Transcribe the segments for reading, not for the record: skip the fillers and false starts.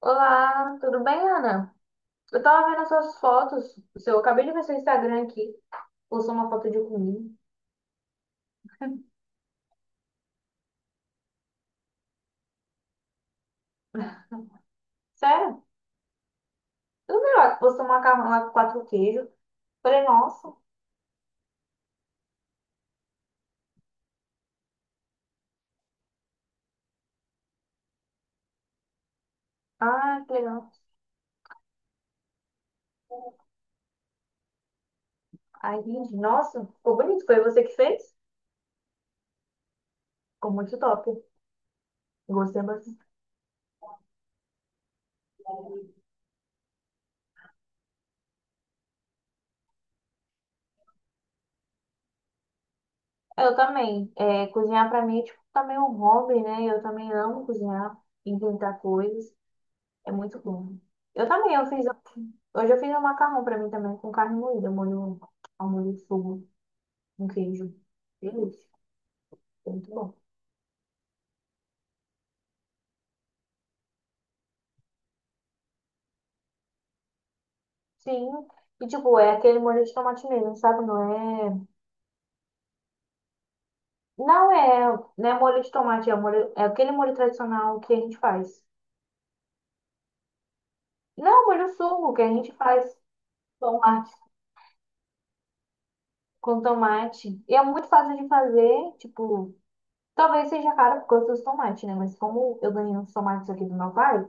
Olá, tudo bem, Ana? Eu tava vendo as suas fotos. Eu acabei de ver seu Instagram aqui. Postou uma foto de comida. Sério? Eu vi lá que postou um macarrão lá com quatro queijos. Falei, nossa. Ah, que legal. Ai, gente, nossa, ficou bonito. Foi você que fez? Ficou muito top. Gostei bastante. Eu também. É, cozinhar pra mim é tipo também um hobby, né? Eu também amo cozinhar, inventar coisas. É muito bom. Eu também, eu fiz. Hoje eu fiz um macarrão pra mim também com carne moída, molho, ao molho de fogo. Um queijo. Delícia. Muito bom. Sim. E, tipo, é aquele molho de tomate mesmo, sabe? Não é... Não é, não é molho de tomate, é, molho... é aquele molho tradicional que a gente faz. Não, é molho suco que a gente faz tomate com tomate. E é muito fácil de fazer, tipo... Talvez seja caro por causa dos tomates, né? Mas como eu ganhei uns tomates aqui do meu pai,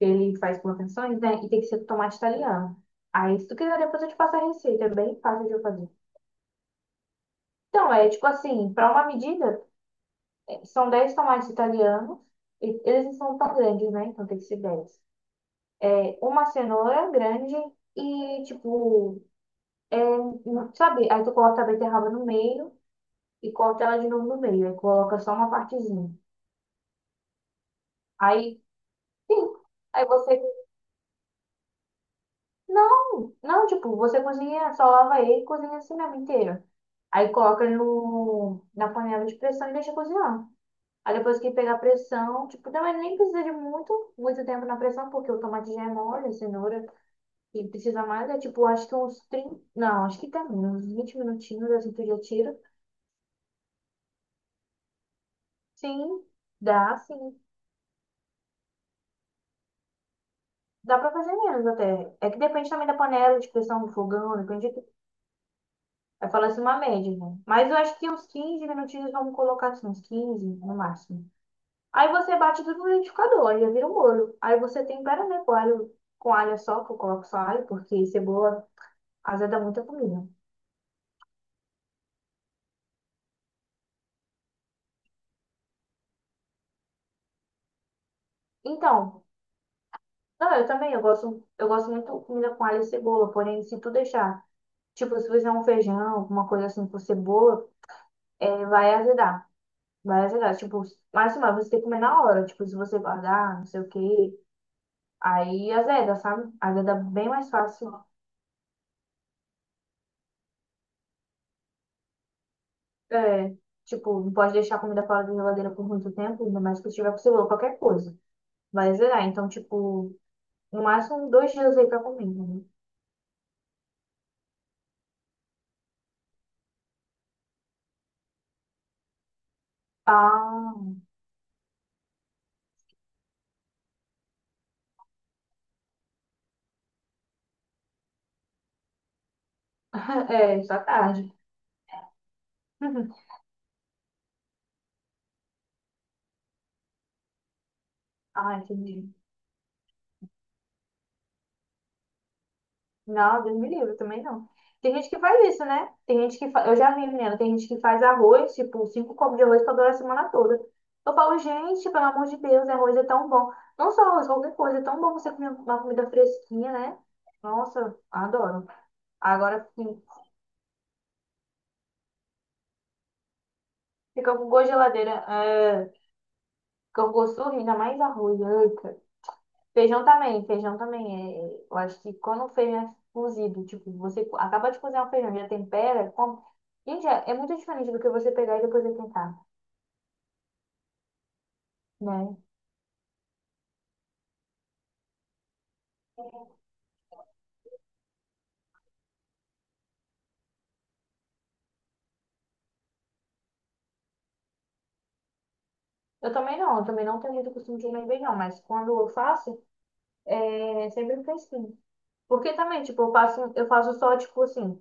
ele faz plantações, né? E tem que ser tomate italiano. Aí, se tu quiser, depois eu te passo a receita. É bem fácil de eu fazer. Então, é tipo assim, para uma medida, são 10 tomates italianos. E eles não são tão grandes, né? Então tem que ser 10. É, uma cenoura grande e, tipo, sabe? Aí tu corta a beterraba no meio e corta ela de novo no meio. Aí coloca só uma partezinha. Aí, sim. Aí você. Não, não, tipo, você cozinha, só lava ele e cozinha assim mesmo inteiro. Aí coloca no, na panela de pressão e deixa cozinhar. Aí depois que pegar a pressão, tipo, também nem precisa de muito, muito tempo na pressão, porque o tomate já é mole, a cenoura. E precisa mais, é tipo, acho que uns 30. Não, acho que dá menos, uns 20 minutinhos assim tu já tira. Sim, sim. Dá pra fazer menos até. É que depende também da panela, de pressão do fogão, depende. Eu falo assim uma média, né? Mas eu acho que uns 15 minutinhos vamos colocar assim, uns 15 no máximo. Aí você bate tudo no liquidificador, aí já vira um molho. Aí você tempera, né, com alho só, que eu coloco só alho, porque cebola azeda muita comida. Então, não, eu também, eu gosto muito de comida com alho e cebola, porém, se tu deixar. Tipo, se fizer um feijão, alguma coisa assim com cebola, é, vai ajudar. Vai ajudar. Tipo, mas assim, mas você tem que comer na hora. Tipo, se você guardar, não sei o quê. Aí azeda, sabe? Azeda bem mais fácil. É, tipo, não pode deixar a comida fora da geladeira por muito tempo, ainda mais que tiver com cebola, qualquer coisa. Vai azedar. Então, tipo, no máximo 2 dias aí pra comer. Né? Ah, é, só tarde. Ah, entendi. Não, Deus me livre, também não. Tem gente que faz isso, né? Tem gente que fa... Eu já vi, menina, tem gente que faz arroz, tipo, 5 copos de arroz pra durar a semana toda. Eu falo, gente, pelo amor de Deus, arroz é tão bom. Não só arroz, qualquer coisa, é tão bom você comer uma comida fresquinha, né? Nossa, adoro. Agora sim, fica com gosto de geladeira, é, fica com gosto de sorriso, ainda mais arroz. Eita. Feijão também, feijão também. É, eu acho que quando o feijão é cozido, tipo, você acaba de cozinhar o feijão, já tempera, come. Gente, é, é muito diferente do que você pegar e depois esquentar, né? Eu também não tenho muito costume de comer feijão, mas quando eu faço, é é sempre fresquinho. Porque também, tipo, eu faço só, tipo assim,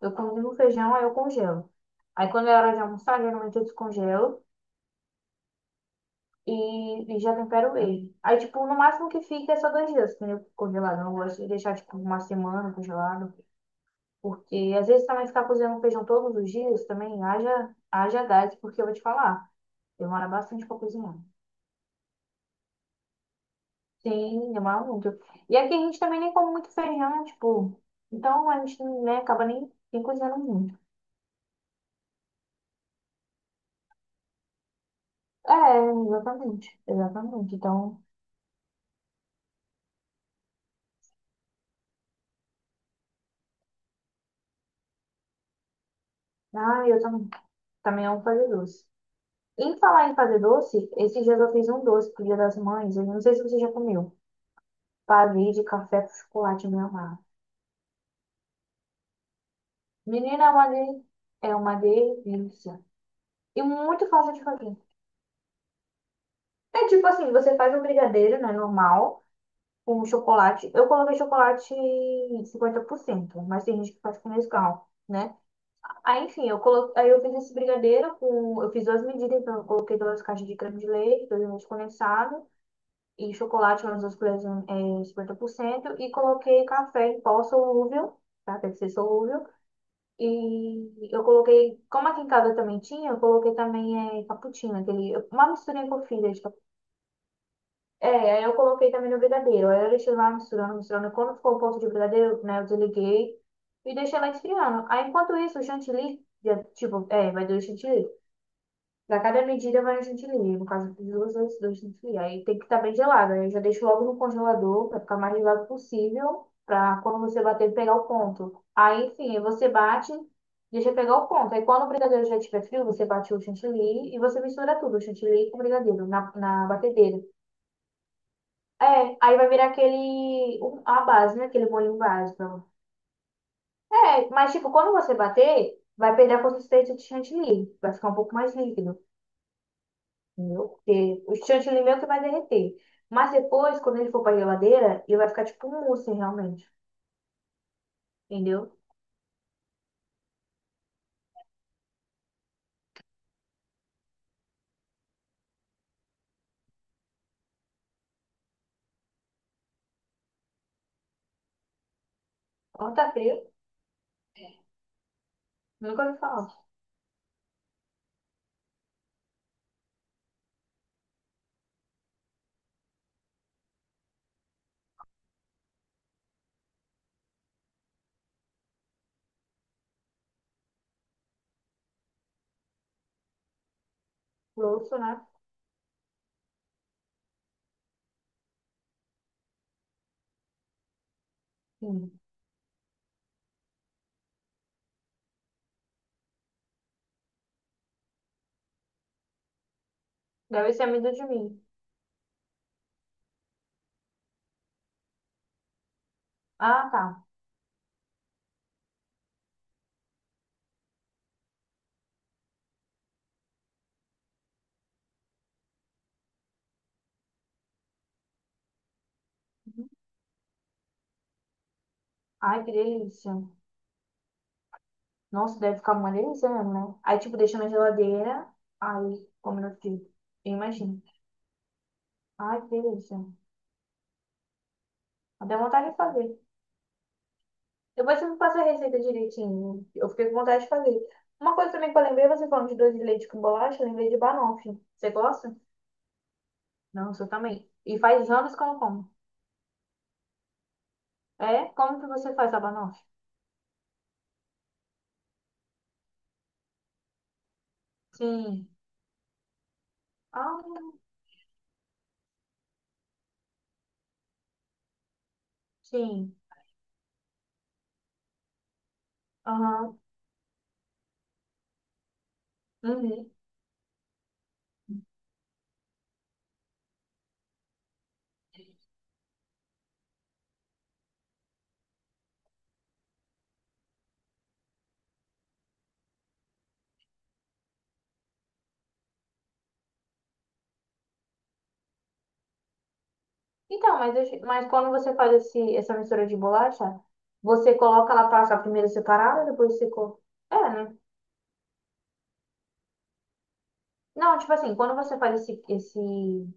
eu cozinho o feijão, aí eu congelo. Aí quando é hora de almoçar, geralmente eu descongelo. E, e já tempero ele. Aí, tipo, no máximo que fica é só 2 dias, entendeu? Congelado. Eu não gosto de deixar, tipo, uma semana congelado. Porque às vezes também ficar cozinhando feijão todos os dias também haja, haja gás, porque eu vou te falar, demora bastante pra cozinhar. Sim, demora muito. E aqui a gente também nem come muito feijão, tipo, então a gente, né, acaba nem cozinhando muito. É, exatamente, exatamente. Então, ah, eu também amo fazer doce. Em falar em fazer doce, esses dias eu fiz um doce pro Dia das Mães. Eu não sei se você já comeu. Pavê de café com chocolate meu amado. Menina, é uma, de... é uma delícia. E muito fácil de fazer. É tipo assim, você faz um brigadeiro, né, normal, com chocolate. Eu coloquei chocolate 50%, mas tem gente que faz com Nescau, né? Aí, enfim, eu colo... aí eu fiz esse brigadeiro com... Eu fiz duas medidas, então eu coloquei duas caixas de creme de leite, dois leite condensado e chocolate, umas 2 colheres em 50% e coloquei café em pó solúvel, tá? Tem que ser solúvel. E eu coloquei, como aqui em casa também tinha, eu coloquei também é, cappuccino, aquele, uma misturinha com é, aí eu coloquei também no brigadeiro. Aí eu deixei lá misturando, misturando. Quando ficou o ponto de brigadeiro, né, eu desliguei e deixei lá esfriando. Aí enquanto isso, o chantilly, já, tipo, é, vai do chantilly. Pra cada medida vai um chantilly. No caso, eu fiz duas dois dois chantilly. Aí tem que estar bem gelado. Aí eu já deixo logo no congelador pra ficar mais gelado possível. Pra quando você bater, pegar o ponto. Aí, enfim, você bate, deixa pegar o ponto. Aí quando o brigadeiro já estiver frio, você bate o chantilly e você mistura tudo, o chantilly com o brigadeiro, na batedeira. É, aí vai virar aquele, a base, né? Aquele molhinho base. É, mas tipo, quando você bater, vai perder a consistência de chantilly. Vai ficar um pouco mais líquido. Meu Deus. O chão de alimento vai derreter. Mas depois, quando ele for pra geladeira, ele vai ficar tipo um mousse, realmente. Entendeu? Horta frio. Nunca ouvi falar. Louço, né? Sim. Deve ser amido de mim. Ah, tá. Uhum. Ai, que delícia. Nossa, deve ficar uma delícia mesmo, né? Aí, tipo, deixa na geladeira. Aí, como eu fiz. Eu imagino. Ai, que delícia. Dá vontade de fazer. Depois você me passa a receita direitinho. Eu fiquei com vontade de fazer. Uma coisa também que eu lembrei, você falando de doce de leite com bolacha, eu lembrei de banoffee. Você gosta? Não, eu também. E faz anos que eu não como. É? Como que você faz a banoffee? Sim. Ah, sim. Aham. Uhum. Então, mas, mas quando você faz essa mistura de bolacha, você coloca ela passa primeiro separada, depois você... é, né? Não, tipo assim, quando você faz esse, esse,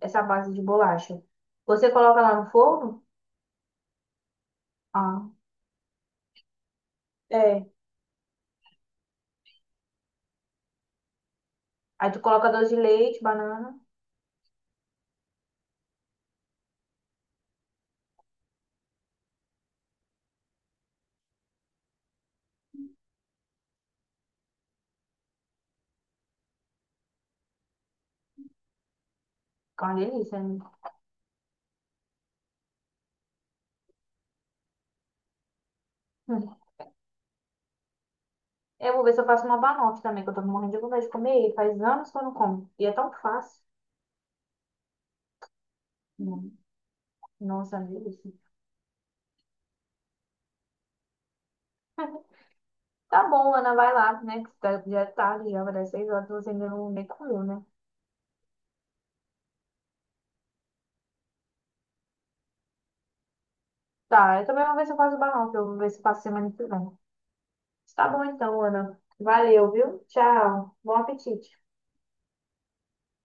essa base de bolacha, você coloca ela no forno? Ah. É. Aí tu coloca doce de leite, banana. Fica uma delícia, né? Hum. Eu vou ver se eu faço uma banoffee também, que eu tô morrendo de vontade de comer. E faz anos que eu não como. E é tão fácil. Hum. Nossa, uma delícia. Tá bom, Ana, vai lá, né? Que já é tarde, já vai dar 6 horas, você ainda não nem comeu, né? Tá, eu também vou ver se eu faço banoffee. Eu vou ver se faço semana que vem. Tá bom então, Ana. Valeu, viu? Tchau. Bom apetite.